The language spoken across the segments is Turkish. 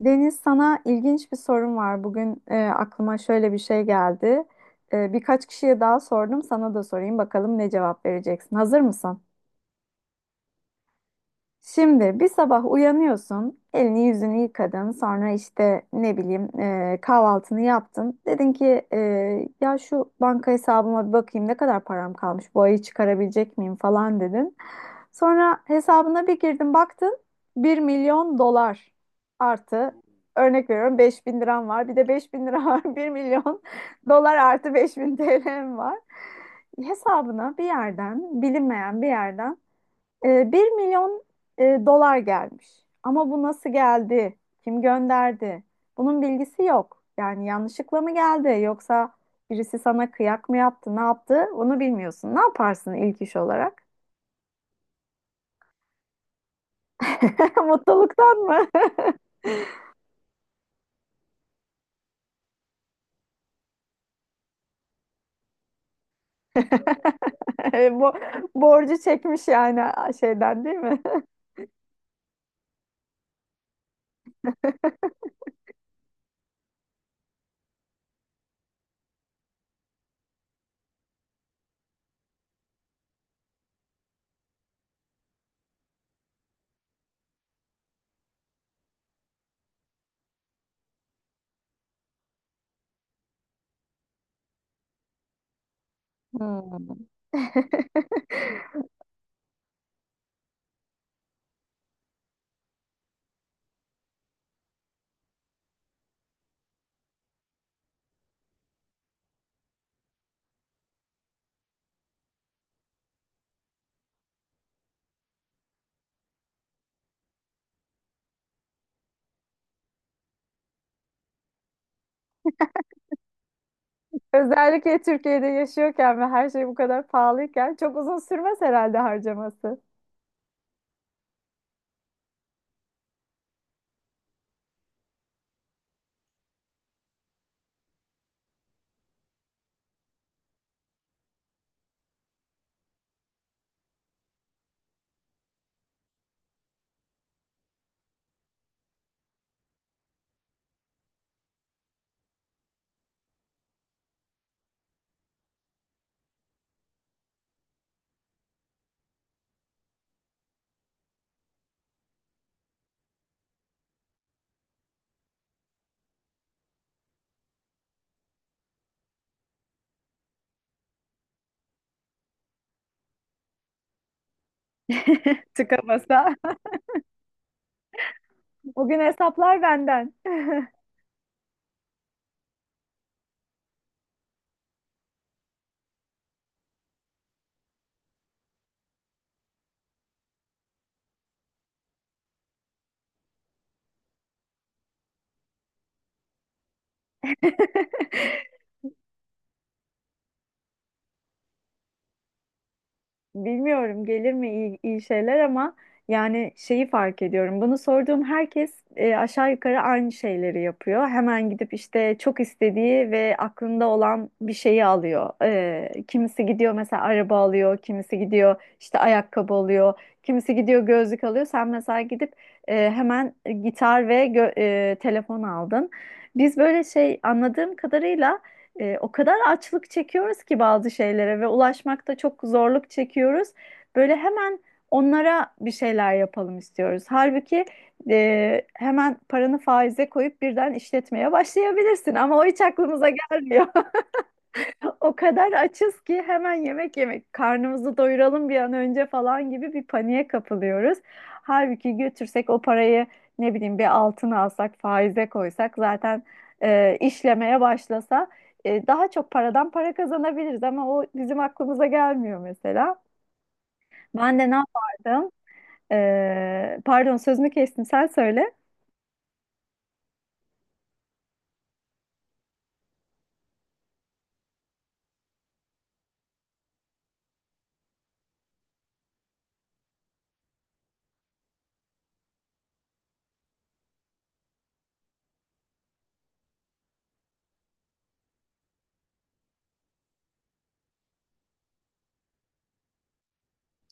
Deniz sana ilginç bir sorum var. Bugün aklıma şöyle bir şey geldi. Birkaç kişiye daha sordum. Sana da sorayım bakalım ne cevap vereceksin. Hazır mısın? Şimdi bir sabah uyanıyorsun, elini yüzünü yıkadın, sonra işte ne bileyim kahvaltını yaptın. Dedin ki e, ya şu banka hesabıma bir bakayım ne kadar param kalmış, bu ayı çıkarabilecek miyim falan dedin. Sonra hesabına bir girdim baktım 1 milyon dolar artı örnek veriyorum 5000 liram var bir de 5000 lira var 1 milyon dolar artı 5000 TL'm var. Hesabına bir yerden bilinmeyen bir yerden 1 milyon dolar gelmiş. Ama bu nasıl geldi? Kim gönderdi? Bunun bilgisi yok. Yani yanlışlıkla mı geldi yoksa birisi sana kıyak mı yaptı, ne yaptı? Onu bilmiyorsun. Ne yaparsın ilk iş olarak? Mutluluktan mı? Bo borcu çekmiş yani şeyden değil mi? Hmm. Özellikle Türkiye'de yaşıyorken ve her şey bu kadar pahalıyken çok uzun sürmez herhalde harcaması. Tıka Bugün hesaplar benden. Bilmiyorum gelir mi iyi şeyler ama yani şeyi fark ediyorum. Bunu sorduğum herkes aşağı yukarı aynı şeyleri yapıyor. Hemen gidip işte çok istediği ve aklında olan bir şeyi alıyor. Kimisi gidiyor mesela araba alıyor, kimisi gidiyor işte ayakkabı alıyor, kimisi gidiyor gözlük alıyor. Sen mesela gidip hemen gitar ve telefon aldın. Biz böyle şey anladığım kadarıyla. O kadar açlık çekiyoruz ki bazı şeylere ve ulaşmakta çok zorluk çekiyoruz. Böyle hemen onlara bir şeyler yapalım istiyoruz. Halbuki hemen paranı faize koyup birden işletmeye başlayabilirsin ama o hiç aklımıza gelmiyor. O kadar açız ki hemen yemek yemek, karnımızı doyuralım bir an önce falan gibi bir paniğe kapılıyoruz. Halbuki götürsek o parayı ne bileyim bir altın alsak, faize koysak zaten işlemeye başlasa daha çok paradan para kazanabiliriz ama o bizim aklımıza gelmiyor mesela. Ben de ne yapardım? Pardon sözünü kestim sen söyle.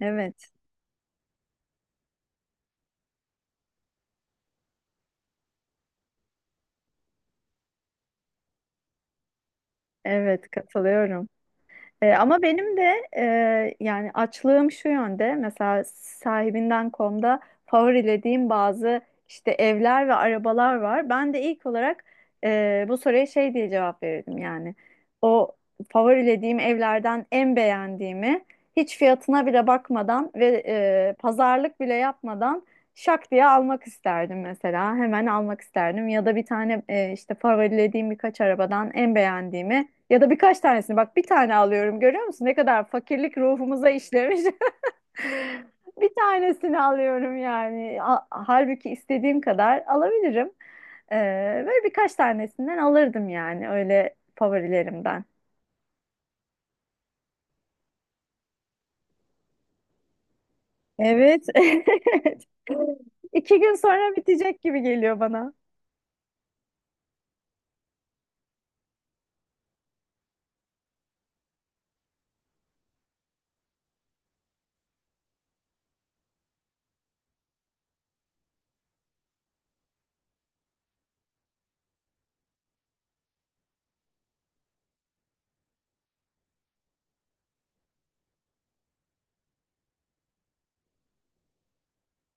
Evet, evet katılıyorum. Ama benim de yani açlığım şu yönde mesela sahibinden komda favorilediğim bazı işte evler ve arabalar var. Ben de ilk olarak bu soruya şey diye cevap verirdim yani o favorilediğim evlerden en beğendiğimi hiç fiyatına bile bakmadan ve pazarlık bile yapmadan şak diye almak isterdim mesela hemen almak isterdim ya da bir tane işte favorilediğim birkaç arabadan en beğendiğimi ya da birkaç tanesini bak bir tane alıyorum görüyor musun? Ne kadar fakirlik ruhumuza işlemiş. Bir tanesini alıyorum yani. Halbuki istediğim kadar alabilirim. Ee, Böyle birkaç tanesinden alırdım yani öyle favorilerimden. Evet. İki gün sonra bitecek gibi geliyor bana.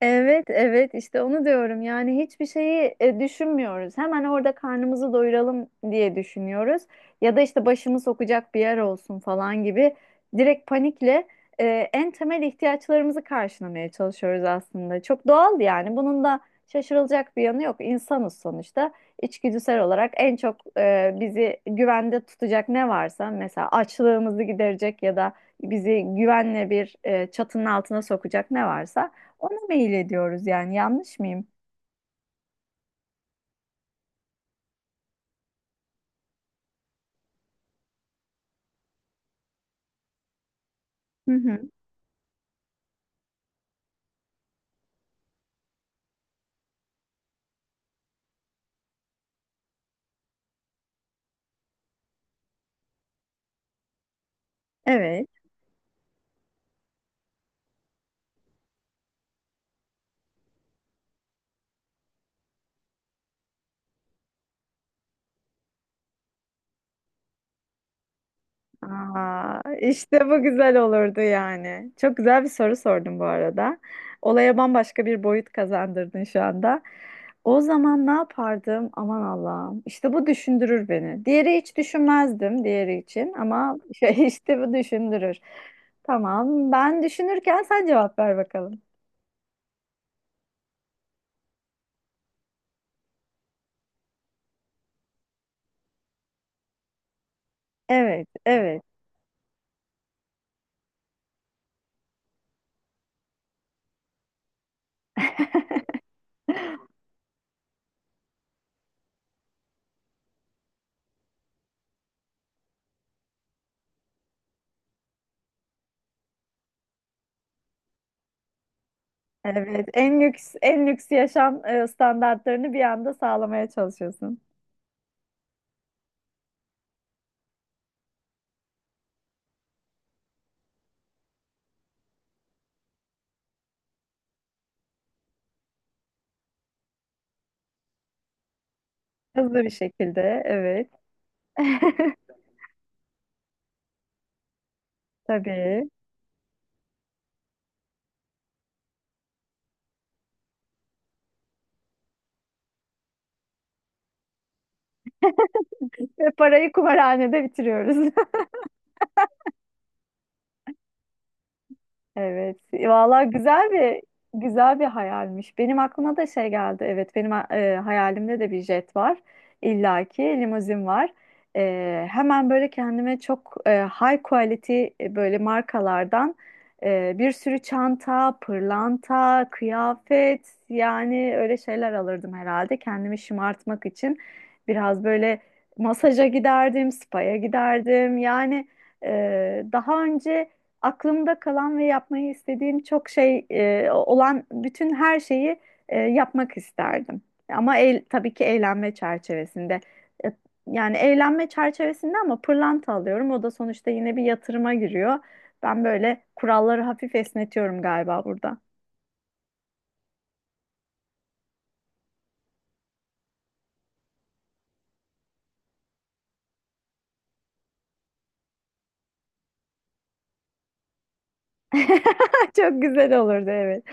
Evet, evet işte onu diyorum. Yani hiçbir şeyi düşünmüyoruz. Hemen orada karnımızı doyuralım diye düşünüyoruz. Ya da işte başımı sokacak bir yer olsun falan gibi. Direkt panikle e, en temel ihtiyaçlarımızı karşılamaya çalışıyoruz aslında. Çok doğal yani. Bunun da şaşırılacak bir yanı yok. İnsanız sonuçta. İçgüdüsel olarak en çok bizi güvende tutacak ne varsa mesela açlığımızı giderecek ya da bizi güvenle bir çatının altına sokacak ne varsa ona mail ediyoruz yani yanlış mıyım? Hı hı. Evet. Aa, işte bu güzel olurdu yani. Çok güzel bir soru sordun bu arada. Olaya bambaşka bir boyut kazandırdın şu anda. O zaman ne yapardım? Aman Allah'ım. İşte bu düşündürür beni. Diğeri hiç düşünmezdim diğeri için ama şey, işte bu düşündürür. Tamam, ben düşünürken sen cevap ver bakalım. Evet, evet. Evet, en lüks en lüks yaşam standartlarını bir anda sağlamaya çalışıyorsun. Hızlı bir şekilde, evet. Tabii. Ve parayı kumarhanede bitiriyoruz. Evet. Valla güzel bir hayalmiş. Benim aklıma da şey geldi. Evet, benim hayalimde de bir jet var. İlla ki limuzin var. Hemen böyle kendime çok high quality böyle markalardan bir sürü çanta, pırlanta, kıyafet yani öyle şeyler alırdım herhalde kendimi şımartmak için. Biraz böyle masaja giderdim, spa'ya giderdim. Yani daha önce aklımda kalan ve yapmayı istediğim çok şey olan bütün her şeyi yapmak isterdim. Ama tabii ki eğlenme çerçevesinde. E, Yani eğlenme çerçevesinde ama pırlanta alıyorum. O da sonuçta yine bir yatırıma giriyor. Ben böyle kuralları hafif esnetiyorum galiba burada. Çok güzel olurdu evet.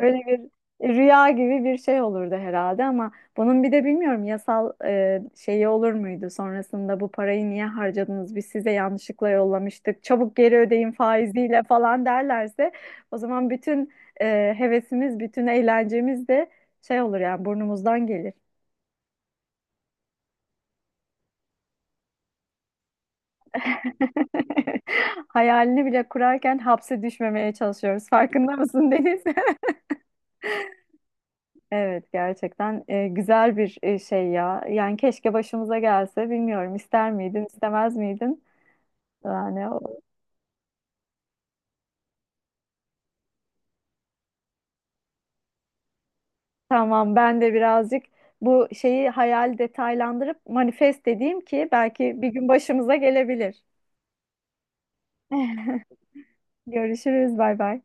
Öyle bir rüya gibi bir şey olurdu herhalde ama bunun bir de bilmiyorum yasal şeyi olur muydu? Sonrasında bu parayı niye harcadınız? Biz size yanlışlıkla yollamıştık. Çabuk geri ödeyin faiziyle falan derlerse o zaman bütün hevesimiz, bütün eğlencemiz de şey olur yani burnumuzdan gelir. Hayalini bile kurarken hapse düşmemeye çalışıyoruz. Farkında mısın Deniz? Evet gerçekten güzel bir şey ya. Yani keşke başımıza gelse bilmiyorum ister miydin istemez miydin? Yani tamam ben de birazcık bu şeyi hayal detaylandırıp manifest edeyim ki belki bir gün başımıza gelebilir. Görüşürüz bay bay.